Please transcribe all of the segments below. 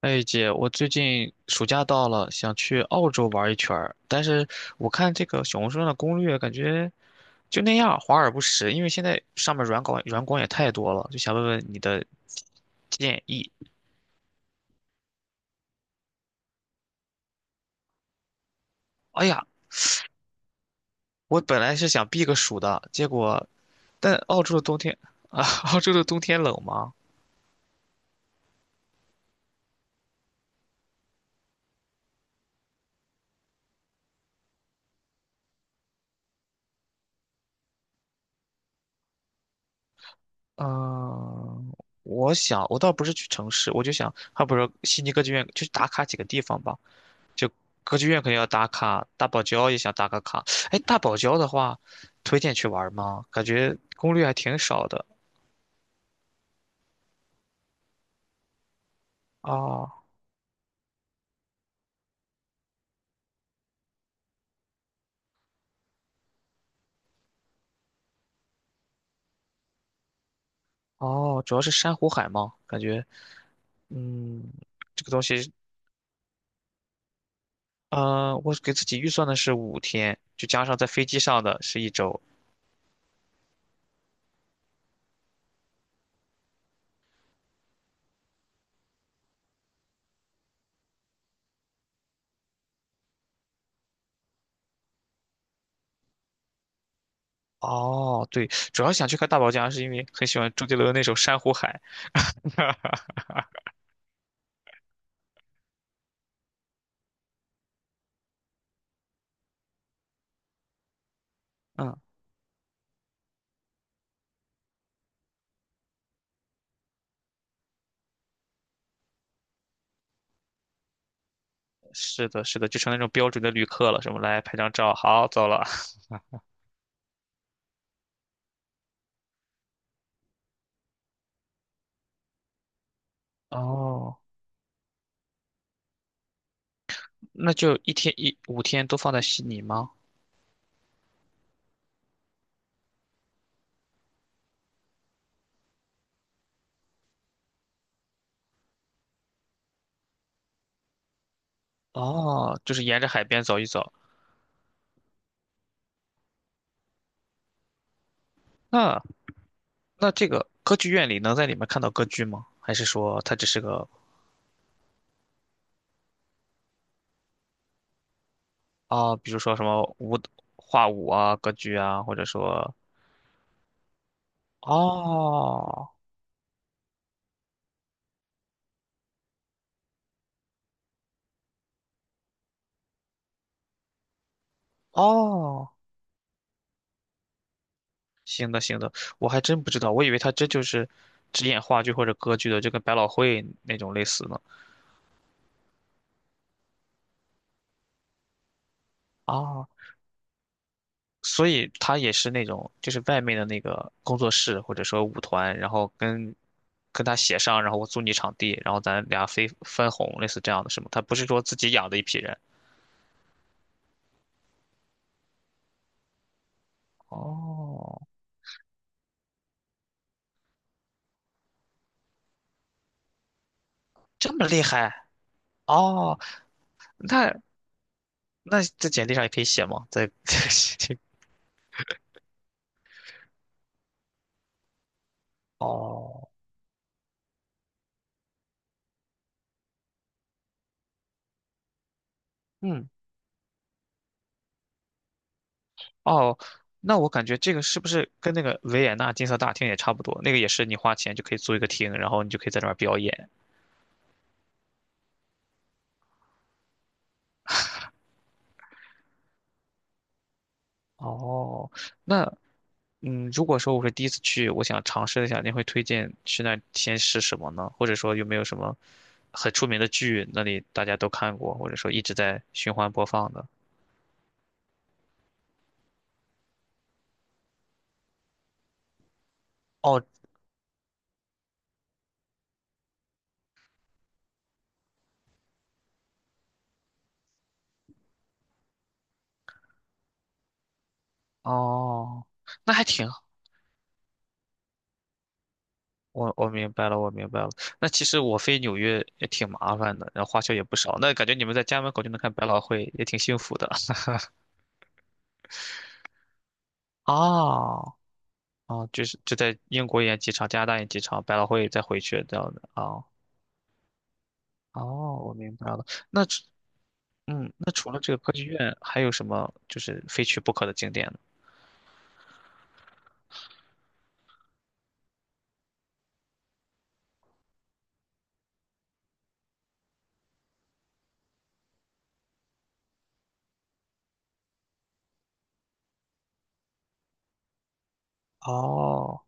哎，姐，我最近暑假到了，想去澳洲玩一圈儿，但是我看这个小红书上的攻略，感觉就那样，华而不实。因为现在上面软广也太多了，就想问问你的建议。哎呀，我本来是想避个暑的，结果，但澳洲的冬天啊，澳洲的冬天冷吗？嗯，我想我倒不是去城市，我就想，还不如悉尼歌剧院去打卡几个地方吧。就歌剧院肯定要打卡，大堡礁也想打个卡。哎，大堡礁的话，推荐去玩吗？感觉攻略还挺少的。哦哦，主要是珊瑚海嘛。感觉嗯，这个东西，我给自己预算的是五天，就加上在飞机上的是1周。哦，对，主要想去看大堡礁，是因为很喜欢周杰伦那首《珊瑚海》。嗯，是的，是的，就成那种标准的旅客了，什么来拍张照，好，走了。哦，那就一天一五天都放在悉尼吗？哦，就是沿着海边走一走。那那这个歌剧院里能在里面看到歌剧吗？还是说它只是个啊？比如说什么舞画舞啊、歌剧啊，或者说。哦哦，行的行的，我还真不知道，我以为它这就是只演话剧或者歌剧的，就跟百老汇那种类似呢。哦，所以他也是那种，就是外面的那个工作室或者说舞团，然后跟他协商，然后我租你场地，然后咱俩分分红，类似这样的是吗？他不是说自己养的一批人。哦，这么厉害。哦，那那在简历上也可以写吗？在 哦，嗯，哦，那我感觉这个是不是跟那个维也纳金色大厅也差不多？那个也是你花钱就可以租一个厅，然后你就可以在那儿表演。哦，那如果说我是第一次去，我想尝试一下，您会推荐去那儿先吃什么呢？或者说有没有什么很出名的剧，那里大家都看过，或者说一直在循环播放的？哦哦，那还挺，我明白了，我明白了。那其实我飞纽约也挺麻烦的，然后花销也不少。那感觉你们在家门口就能看百老汇，也挺幸福的。哦哦，就是就在英国演几场，加拿大演几场，百老汇再回去这样的。哦哦，我明白了。那嗯，那除了这个歌剧院，还有什么就是非去不可的景点呢？哦，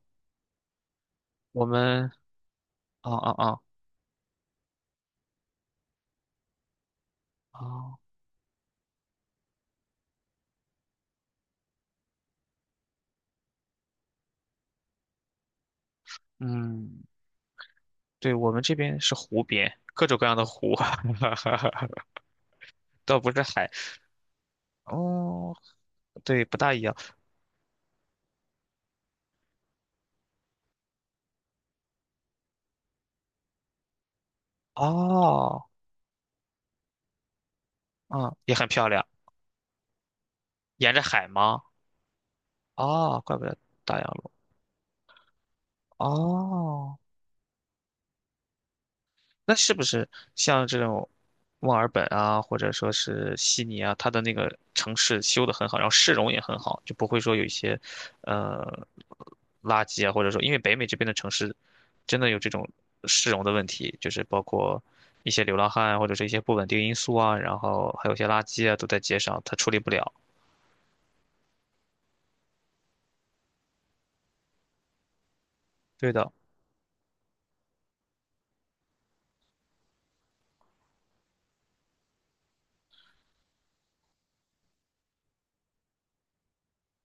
我们，啊啊啊哦嗯，对，我们这边是湖边，各种各样的湖，倒不是海。哦，对，不大一样。哦，嗯，也很漂亮，沿着海吗？哦，怪不得大洋路。哦。那是不是像这种墨尔本啊，或者说是悉尼啊，它的那个城市修得很好，然后市容也很好，就不会说有一些呃垃圾啊，或者说因为北美这边的城市真的有这种市容的问题，就是包括一些流浪汉啊或者是一些不稳定因素啊，然后还有一些垃圾啊都在街上，它处理不了。对的，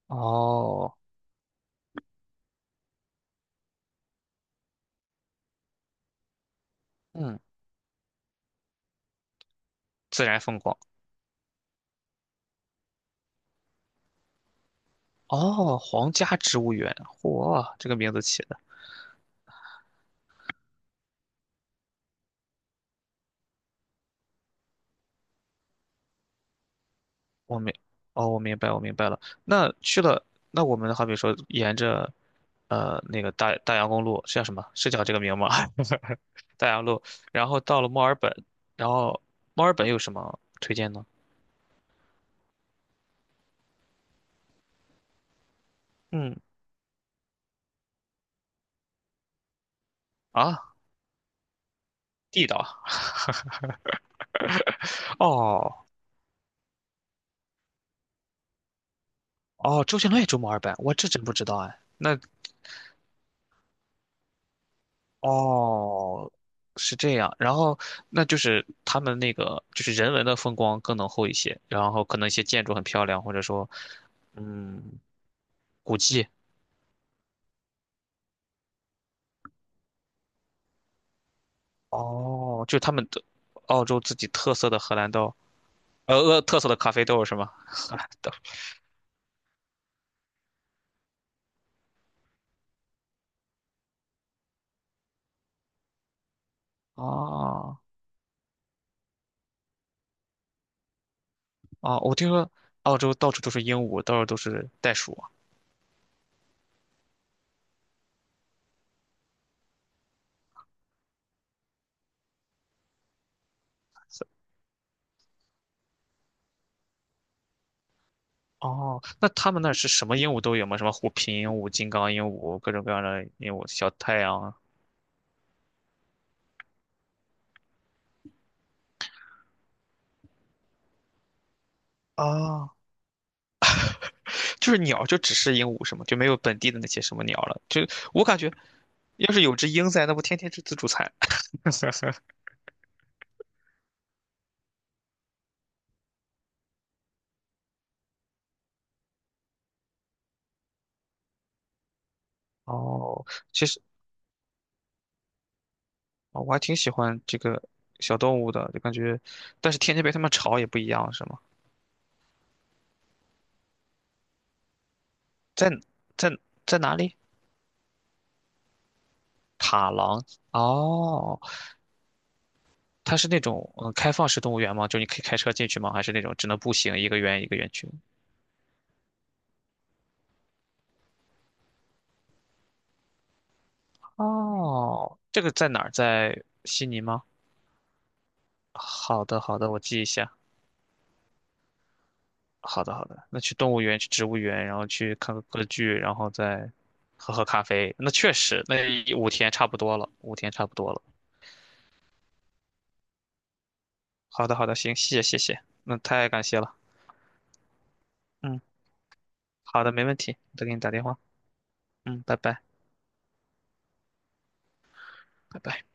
哦，嗯，自然风光。哦，皇家植物园，嚯，这个名字起的。我明，哦，我明白，我明白了。那去了，那我们好比说沿着，那个大洋公路是叫什么？是叫这个名吗？大洋路，然后到了墨尔本，然后墨尔本有什么推荐呢？嗯，啊，地道啊。哦哦，周杰伦也住墨尔本，我这真不知道哎。那哦，是这样，然后那就是他们那个就是人文的风光更浓厚一些，然后可能一些建筑很漂亮，或者说嗯古迹。哦，就他们的澳洲自己特色的荷兰豆，特色的咖啡豆是吗？荷兰豆。哦哦，我听说澳洲到处都是鹦鹉，到处都是袋鼠啊。哦，那他们那儿是什么鹦鹉都有吗？什么虎皮鹦鹉、金刚鹦鹉，各种各样的鹦鹉，小太阳啊，就是鸟就只是鹦鹉是吗？就没有本地的那些什么鸟了。就我感觉，要是有只鹰在，那不天天吃自助餐。哦，其实。啊，我还挺喜欢这个小动物的，就感觉，但是天天被它们吵也不一样，是吗？在在在哪里？塔廊哦，它是那种嗯开放式动物园吗？就你可以开车进去吗？还是那种只能步行一个园一个园区？哦，这个在哪儿？在悉尼吗？好的，好的，我记一下。好的，好的，那去动物园，去植物园，然后去看个歌剧，然后再喝喝咖啡。那确实，那五天差不多了，五天差不多了。好的，好的，行，谢谢，谢谢，那太感谢了。嗯，好的，没问题，我再给你打电话。嗯，拜拜，拜拜。